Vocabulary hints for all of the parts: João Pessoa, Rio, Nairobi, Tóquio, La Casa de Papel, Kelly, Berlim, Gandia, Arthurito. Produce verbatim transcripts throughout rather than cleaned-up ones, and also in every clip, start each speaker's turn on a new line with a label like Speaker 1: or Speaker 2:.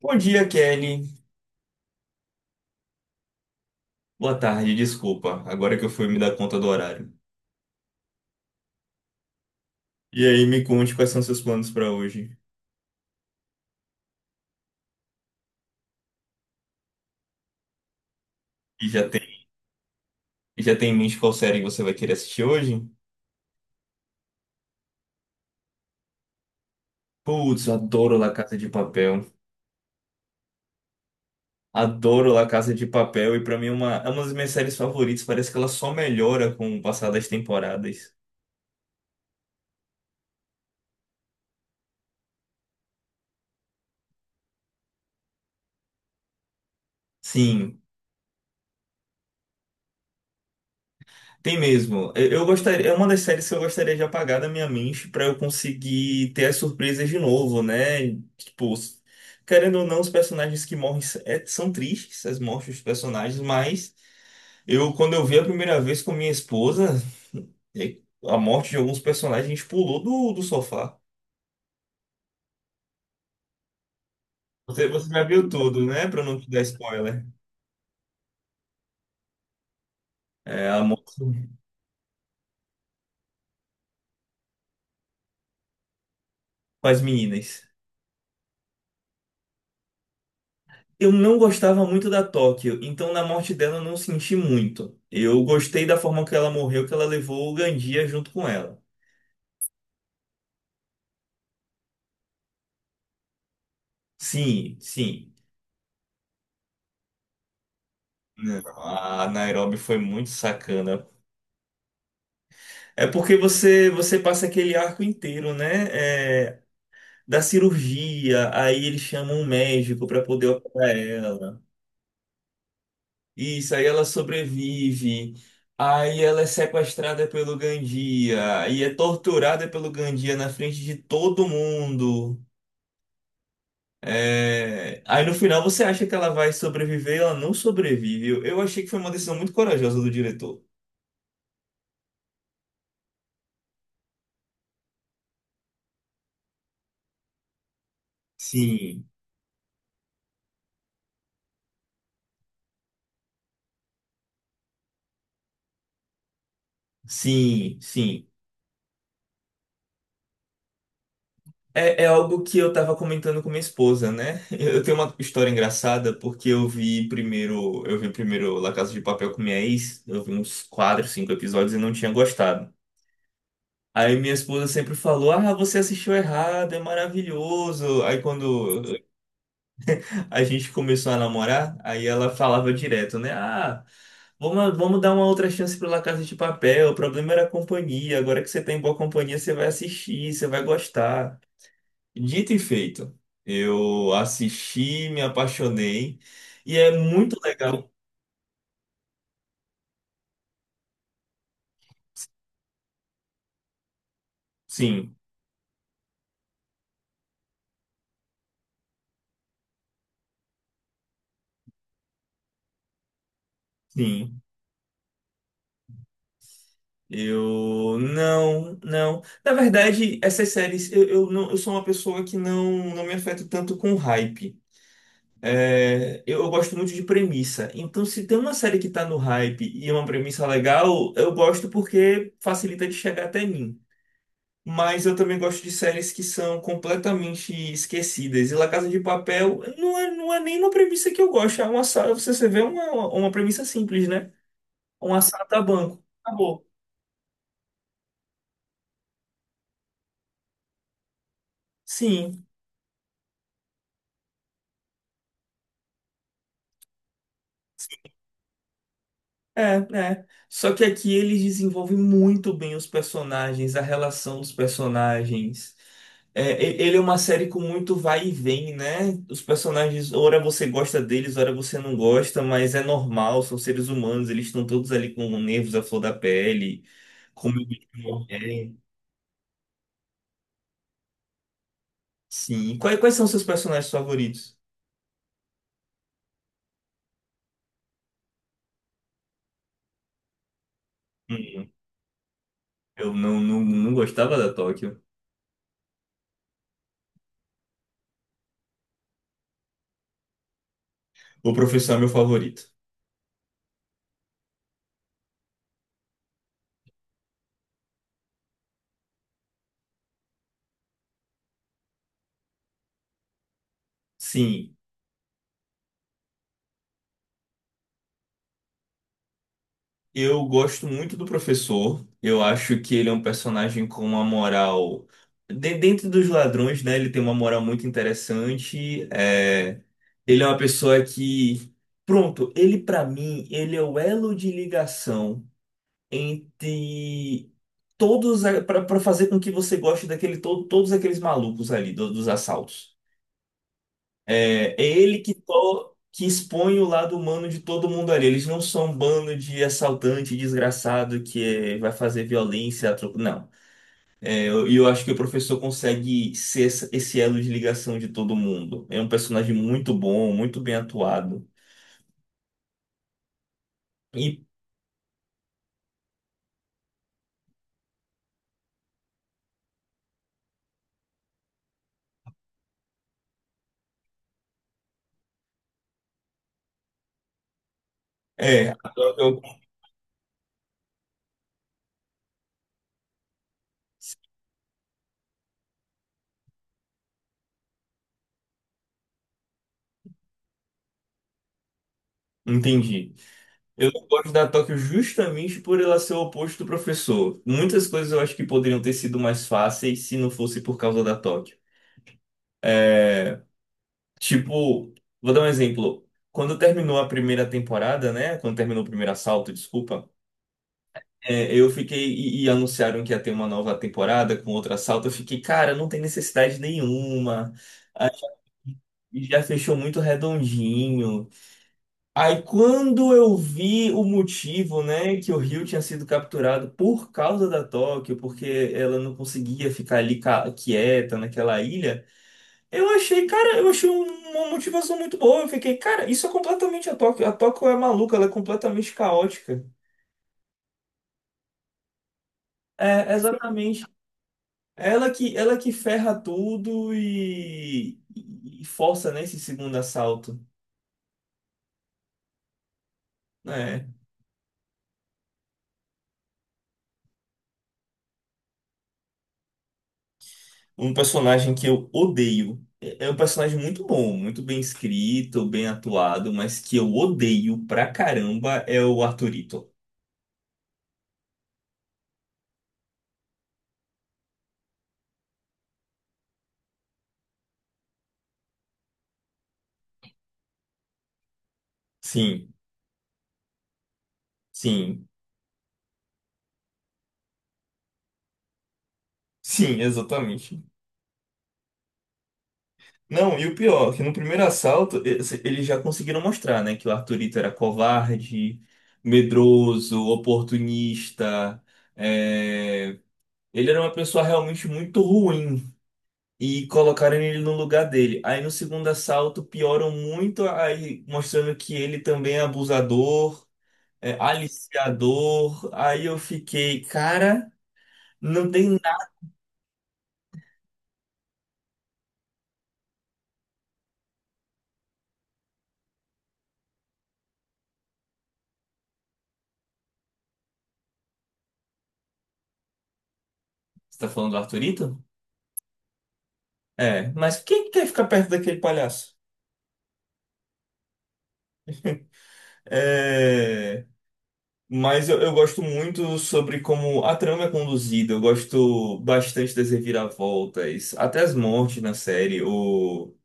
Speaker 1: Bom dia, Kelly. Boa tarde, desculpa. Agora que eu fui me dar conta do horário. E aí, me conte quais são seus planos pra hoje. E já tem, já tem em mente qual série você vai querer assistir hoje? Putz, eu adoro La Casa de Papel. Adoro La Casa de Papel e pra mim é uma, é uma das minhas séries favoritas. Parece que ela só melhora com o passar das temporadas. Sim. Tem mesmo. Eu eu gostaria, é uma das séries que eu gostaria de apagar da minha mente para eu conseguir ter as surpresas de novo, né? Tipo, s- querendo ou não, os personagens que morrem s- é- são tristes, as mortes dos personagens, mas eu, quando eu vi a primeira vez com minha esposa, e- a morte de alguns personagens, a gente pulou do, do sofá. Você, você já viu tudo, né? Para não te dar spoiler. É, a morte com as meninas. Eu não gostava muito da Tóquio, então na morte dela eu não senti muito. Eu gostei da forma que ela morreu, que ela levou o Gandia junto com ela. Sim, sim. Não, a Nairobi foi muito sacana. É porque você você passa aquele arco inteiro, né? É, da cirurgia, aí eles chamam um médico para poder operar ela. Isso, aí ela sobrevive. Aí ela é sequestrada pelo Gandia e é torturada pelo Gandia na frente de todo mundo. É, aí no final você acha que ela vai sobreviver, ela não sobrevive. Eu eu achei que foi uma decisão muito corajosa do diretor. Sim. Sim, sim. É, é algo que eu tava comentando com minha esposa, né? Eu tenho uma história engraçada porque eu vi primeiro, eu vi primeiro La Casa de Papel com minha ex, eu vi uns quatro, cinco episódios e não tinha gostado. Aí minha esposa sempre falou: "Ah, você assistiu errado, é maravilhoso". Aí quando a gente começou a namorar, aí ela falava direto, né? Ah, vamos, vamos dar uma outra chance pro La Casa de Papel. O problema era a companhia. Agora que você tem boa companhia, você vai assistir, você vai gostar. Dito e feito, eu assisti, me apaixonei. E é muito legal. Sim, sim. Eu não, não. Na verdade, essas séries, eu, eu não, eu sou uma pessoa que não, não me afeto tanto com hype. É, eu, eu gosto muito de premissa. Então, se tem uma série que tá no hype e é uma premissa legal, eu gosto porque facilita de chegar até mim. Mas eu também gosto de séries que são completamente esquecidas. E La Casa de Papel não é, não é nem uma premissa que eu gosto. É uma, sa- você, você vê uma, uma uma premissa simples, né? Um assalto a banco. Acabou. Sim. É, né? Só que aqui eles desenvolvem muito bem os personagens, a relação dos personagens. É, e- ele é uma série com muito vai e vem, né? Os personagens, ora você gosta deles, ora você não gosta, mas é normal, são seres humanos, eles estão todos ali com nervos à flor da pele, como é. Sim. Quais, quais são seus personagens favoritos? Hum. Eu não, não, não gostava da Tóquio. O professor é meu favorito. Sim. Eu gosto muito do professor. Eu acho que ele é um personagem com uma moral. De- dentro dos ladrões, né? Ele tem uma moral muito interessante. É. Ele é uma pessoa que. Pronto, ele pra mim, ele é o elo de ligação entre todos. Para fazer com que você goste daquele, to- todos aqueles malucos ali, do- dos assaltos. É, é ele que, to- que expõe o lado humano de todo mundo ali. Eles não são um bando de assaltante desgraçado que é, vai fazer violência. a troco- Não. É, eu- e eu, acho que o professor consegue ser essa- esse elo de ligação de todo mundo. É um personagem muito bom, muito bem atuado. E é, a Tóquio, eu entendi. Eu não gosto da Tóquio justamente por ela ser o oposto do professor. Muitas coisas eu acho que poderiam ter sido mais fáceis se não fosse por causa da Tóquio. É. Tipo, vou dar um exemplo. Quando terminou a primeira temporada, né? Quando terminou o primeiro assalto, desculpa. É, eu fiquei. E, e anunciaram que ia ter uma nova temporada com outro assalto. Eu fiquei, cara, não tem necessidade nenhuma. E já fechou muito redondinho. Aí quando eu vi o motivo, né? Que o Rio tinha sido capturado por causa da Tóquio, porque ela não conseguia ficar ali ca- quieta naquela ilha. Eu achei, cara, eu achei um- uma motivação muito boa. Eu fiquei, cara, isso é completamente a Tóquio. A Tóquio é maluca, ela é completamente caótica. É, exatamente. Ela que, ela que ferra tudo e, e força nesse segundo assalto. Né. Um personagem que eu odeio. É é um personagem muito bom, muito bem escrito, bem atuado, mas que eu odeio pra caramba é o Arthurito. Sim, sim, sim, exatamente. Não, e o pior, que no primeiro assalto esse- eles já conseguiram mostrar, né, que o Arthurito era covarde, medroso, oportunista. É, ele era uma pessoa realmente muito ruim e colocaram ele no lugar dele. Aí no segundo assalto pioram muito, aí mostrando que ele também é abusador, é aliciador. Aí eu fiquei, cara, não tem nada. Você tá falando do Arthurito? É, mas quem quer ficar perto daquele palhaço? É. Mas eu, eu gosto muito sobre como a trama é conduzida. Eu gosto bastante das reviravoltas, até as mortes na série. O,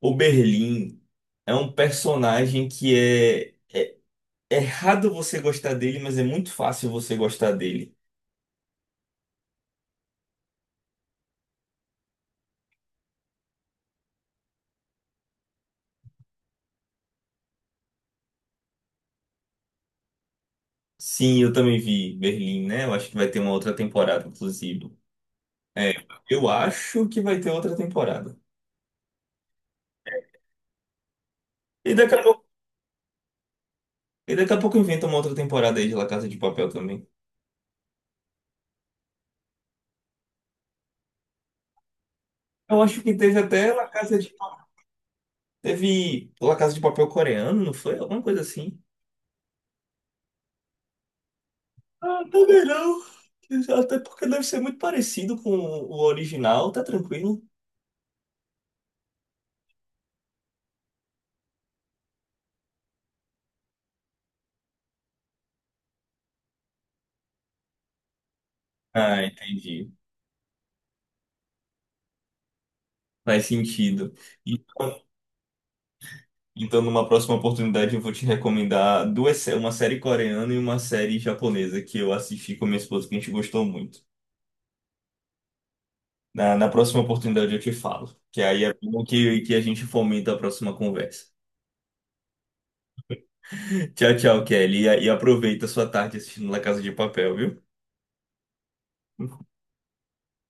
Speaker 1: o Berlim é um personagem que é é errado você gostar dele, mas é muito fácil você gostar dele. Sim, eu também vi Berlim, né? Eu acho que vai ter uma outra temporada, inclusive. É, eu acho que vai ter outra temporada. E daqui a pouco, e daqui a pouco inventa uma outra temporada aí de La Casa de Papel também. Eu acho que teve até La Casa de… Teve La Casa de Papel coreano, não foi? Alguma coisa assim. Ah, também não. Até porque deve ser muito parecido com o original, tá tranquilo. Ah, entendi. Faz sentido. Então, então, numa próxima oportunidade, eu vou te recomendar duas, sé- uma série coreana e uma série japonesa que eu assisti com minha esposa, que a gente gostou muito. Na, na próxima oportunidade, eu te falo. Que aí é bom que, que a gente fomenta a próxima conversa. Tchau, tchau, Kelly. E, e aproveita a sua tarde assistindo La Casa de Papel, viu?